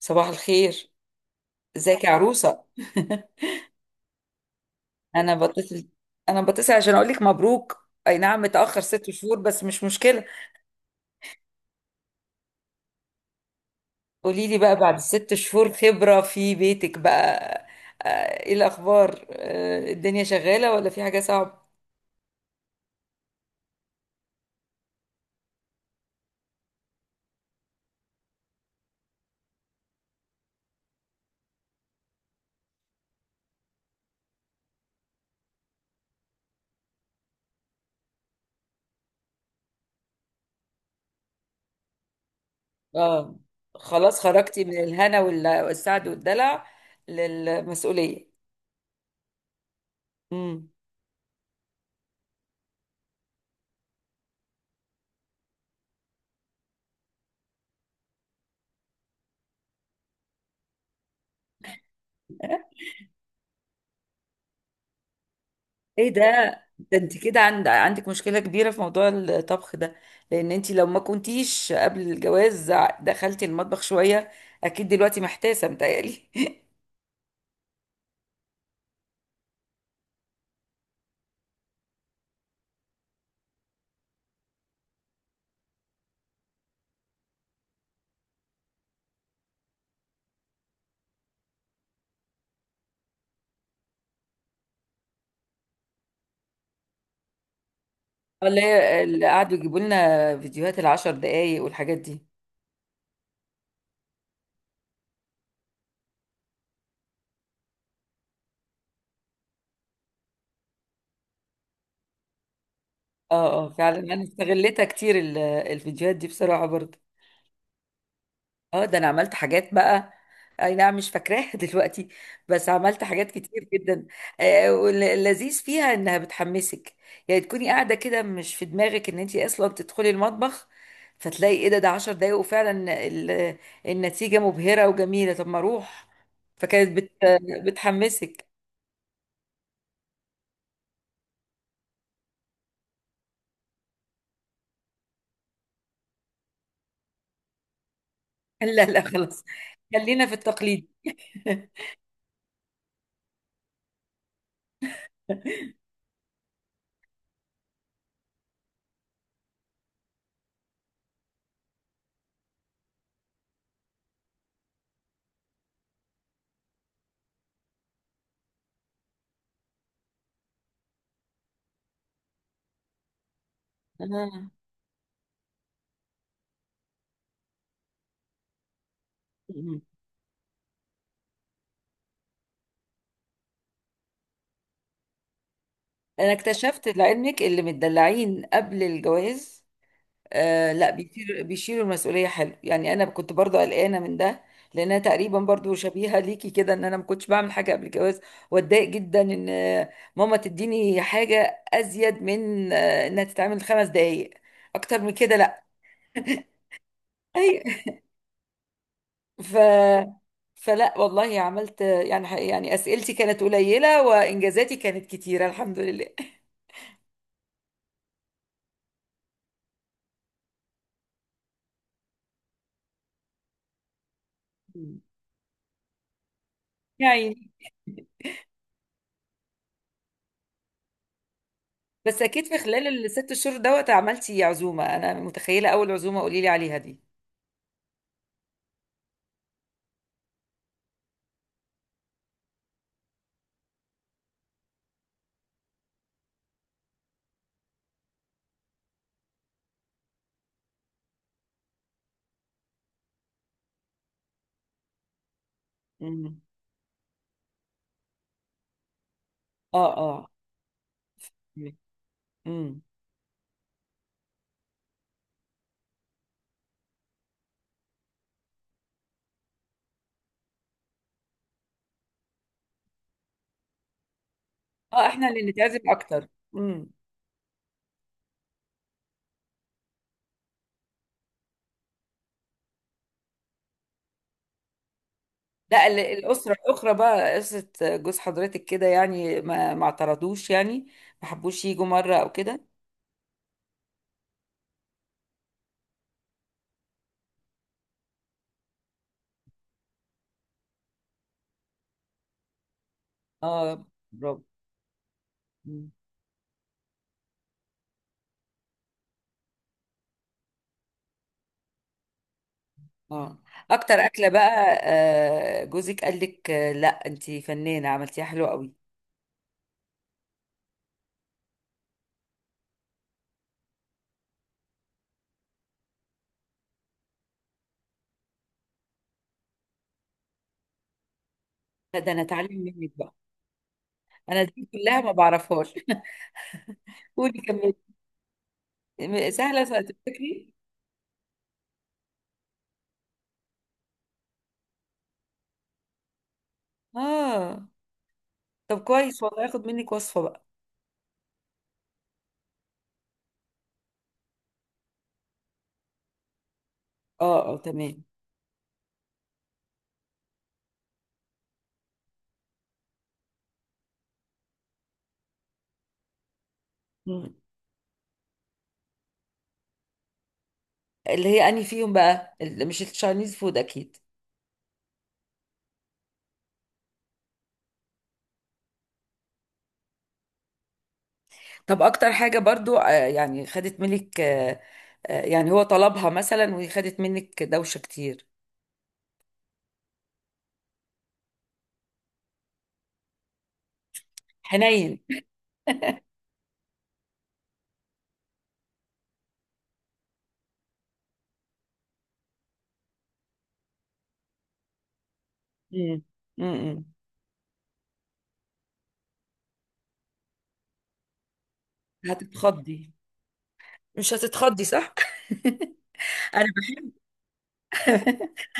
صباح الخير. ازيك يا عروسة؟ انا بتصل انا بتصل عشان اقول لك مبروك، اي نعم متأخر 6 شهور بس مش مشكلة. قولي لي بقى بعد ال6 شهور خبرة في بيتك بقى. آه، ايه الاخبار؟ الدنيا شغالة ولا في حاجة صعبة؟ اه، خلاص خرجتي من الهنا والسعد والدلع للمسؤولية. ايه ده؟ ده انت كده عندك مشكلة كبيرة في موضوع الطبخ ده، لان انت لو ما كنتيش قبل الجواز دخلتي المطبخ شوية اكيد دلوقتي محتاسة متهيألي. ولا هي اللي قعدوا يجيبوا لنا فيديوهات ال10 دقايق والحاجات دي؟ اه، اه، فعلا انا استغلتها كتير، الفيديوهات دي بصراحة برضه. اه، ده انا عملت حاجات بقى، اي نعم مش فاكراها دلوقتي، بس عملت حاجات كتير جدا. واللذيذ فيها انها بتحمسك، يعني تكوني قاعده كده مش في دماغك ان انت اصلا تدخلي المطبخ، فتلاقي ايه ده؟ ده 10 دقايق وفعلا ال- النتيجه مبهره وجميله، طب ما اروح. فكانت بتحمسك. لا، لا، خلاص، خلينا في التقليد. آه. انا اكتشفت لعلمك اللي متدلعين قبل الجواز، آه لا، بيشيلوا بيشيلوا المسؤوليه حلو، يعني انا كنت برضو قلقانه من ده، لانها تقريبا برضو شبيهه ليكي كده ان انا ما كنتش بعمل حاجه قبل الجواز، واتضايق جدا ان ماما تديني حاجه ازيد من انها تتعمل 5 دقائق، اكتر من كده لا. اي. ف فلا والله عملت، يعني اسئلتي كانت قليله وانجازاتي كانت كتيره الحمد لله. مم. يعني بس اكيد في خلال ال6 شهور دوت عملتي عزومه، انا متخيله اول عزومه قولي لي عليها دي. امم. اه، اه. امم. اه، احنا اللي نتعزم اكتر. امم. لا، الاسره الاخرى بقى قصه جوز حضرتك كده يعني ما اعترضوش يعني؟ ما حبوش يجوا مره او كده؟ اه، برافو. مم. اه، اكتر اكله بقى جوزك قال لك آه لا انت فنانه عملتيها حلوه قوي؟ لا، ده انا اتعلم منك بقى، انا دي كلها ما بعرفهاش. قولي كملي، سهله سهله تفتكري؟ اه، طب كويس والله هاخد منك وصفه بقى. اه، اه، تمام. مم. اللي هي اني فيهم بقى اللي مش التشاينيز فود اكيد. طب اكتر حاجه برضو، يعني خدت منك، يعني هو طلبها مثلا وهي خدت منك دوشه كتير؟ حنين. مم. مم. هتتخضي، مش هتتخضي صح؟ انا بح-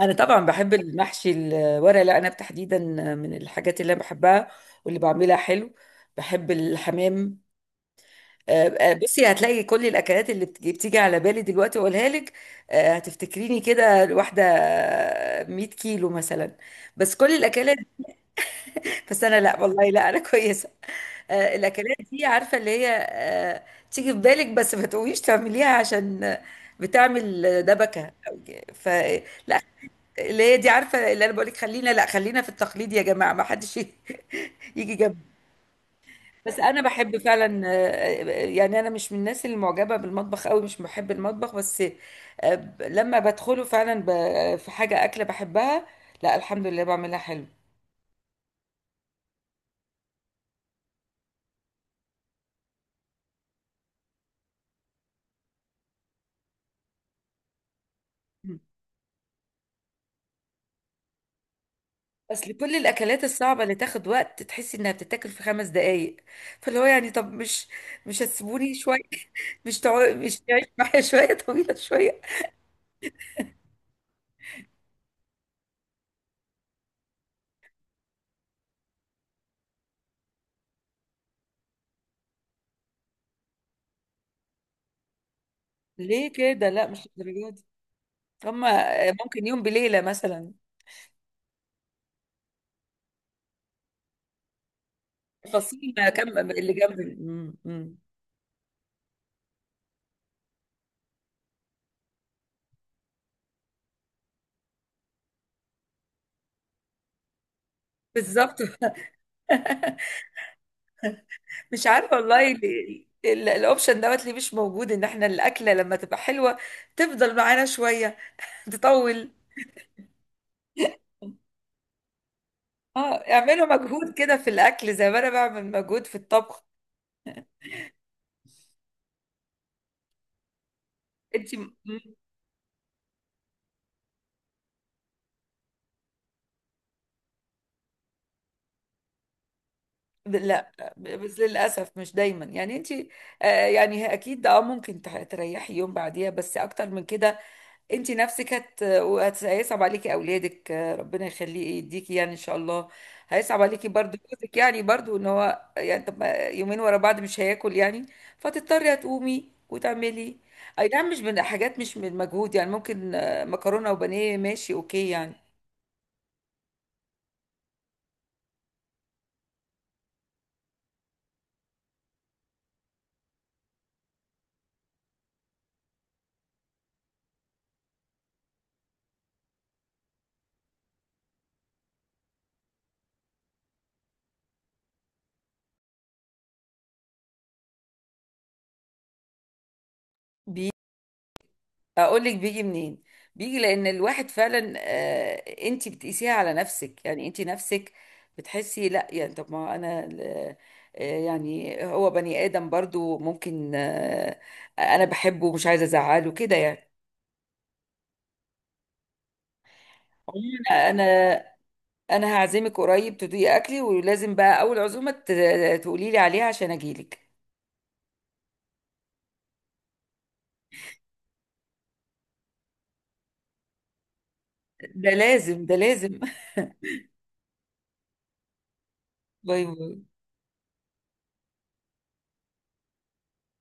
انا طبعا بحب المحشي، الورق العنب تحديدا، من الحاجات اللي انا بحبها واللي بعملها حلو، بحب الحمام، آه، بصي هتلاقي كل الاكلات اللي بتيجي على بالي دلوقتي اقولها لك، هتفتكريني كده واحده 100 كيلو مثلا، بس كل الاكلات. بس انا لا والله، لا انا كويسه. الاكلات دي عارفه اللي هي، تيجي في بالك بس ما تقوميش تعمليها عشان بتعمل دبكه. ف لا، اللي هي دي عارفه، اللي انا بقول لك خلينا، لا خلينا في التقليد يا جماعه، ما حدش يجي جنبنا. بس انا بحب فعلا، يعني انا مش من الناس اللي معجبه بالمطبخ قوي، مش بحب المطبخ، بس لما بدخله فعلا في حاجه اكله بحبها، لا الحمد لله بعملها حلو. بس لكل الاكلات الصعبه اللي تاخد وقت تحسي انها بتتاكل في 5 دقائق، فاللي هو يعني، طب مش هتسيبوني شويه؟ مش تعيش معايا شويه، طويله شويه. ليه كده؟ لا مش للدرجه دي، هما ممكن يوم بليله مثلا. فصيل ما كم اللي جنب، مم، مم. بالظبط. مش عارفه والله الاوبشن دوت ليه مش موجود ان احنا الاكله لما تبقى حلوه تفضل معانا شويه، تطول. اه، اعملوا مجهود كده في الاكل زي ما انا بعمل مجهود في الطبخ. انت لا بس للاسف مش دايما يعني انت، آه يعني اكيد اه ممكن تريحي يوم بعديها بس اكتر من كده انت نفسك هيصعب عليكي اولادك، ربنا يخليه يديكي يعني ان شاء الله، هيصعب عليكي برضو جوزك يعني برضو ان هو يعني طب ما يومين ورا بعض مش هياكل يعني، فتضطري هتقومي وتعملي، اي نعم مش من حاجات مش من مجهود يعني ممكن مكرونه وبانيه ماشي اوكي يعني. بي اقول لك بيجي منين؟ بيجي لان الواحد فعلا، انت بتقيسيها على نفسك، يعني انت نفسك بتحسي لا يعني طب ما انا يعني هو بني ادم برضو ممكن، انا بحبه ومش عايزه ازعله كده يعني. عموما انا هعزمك قريب تدوقي اكلي، ولازم بقى اول عزومه تقولي لي عليها عشان اجيلك، ده لازم ده لازم. باي باي.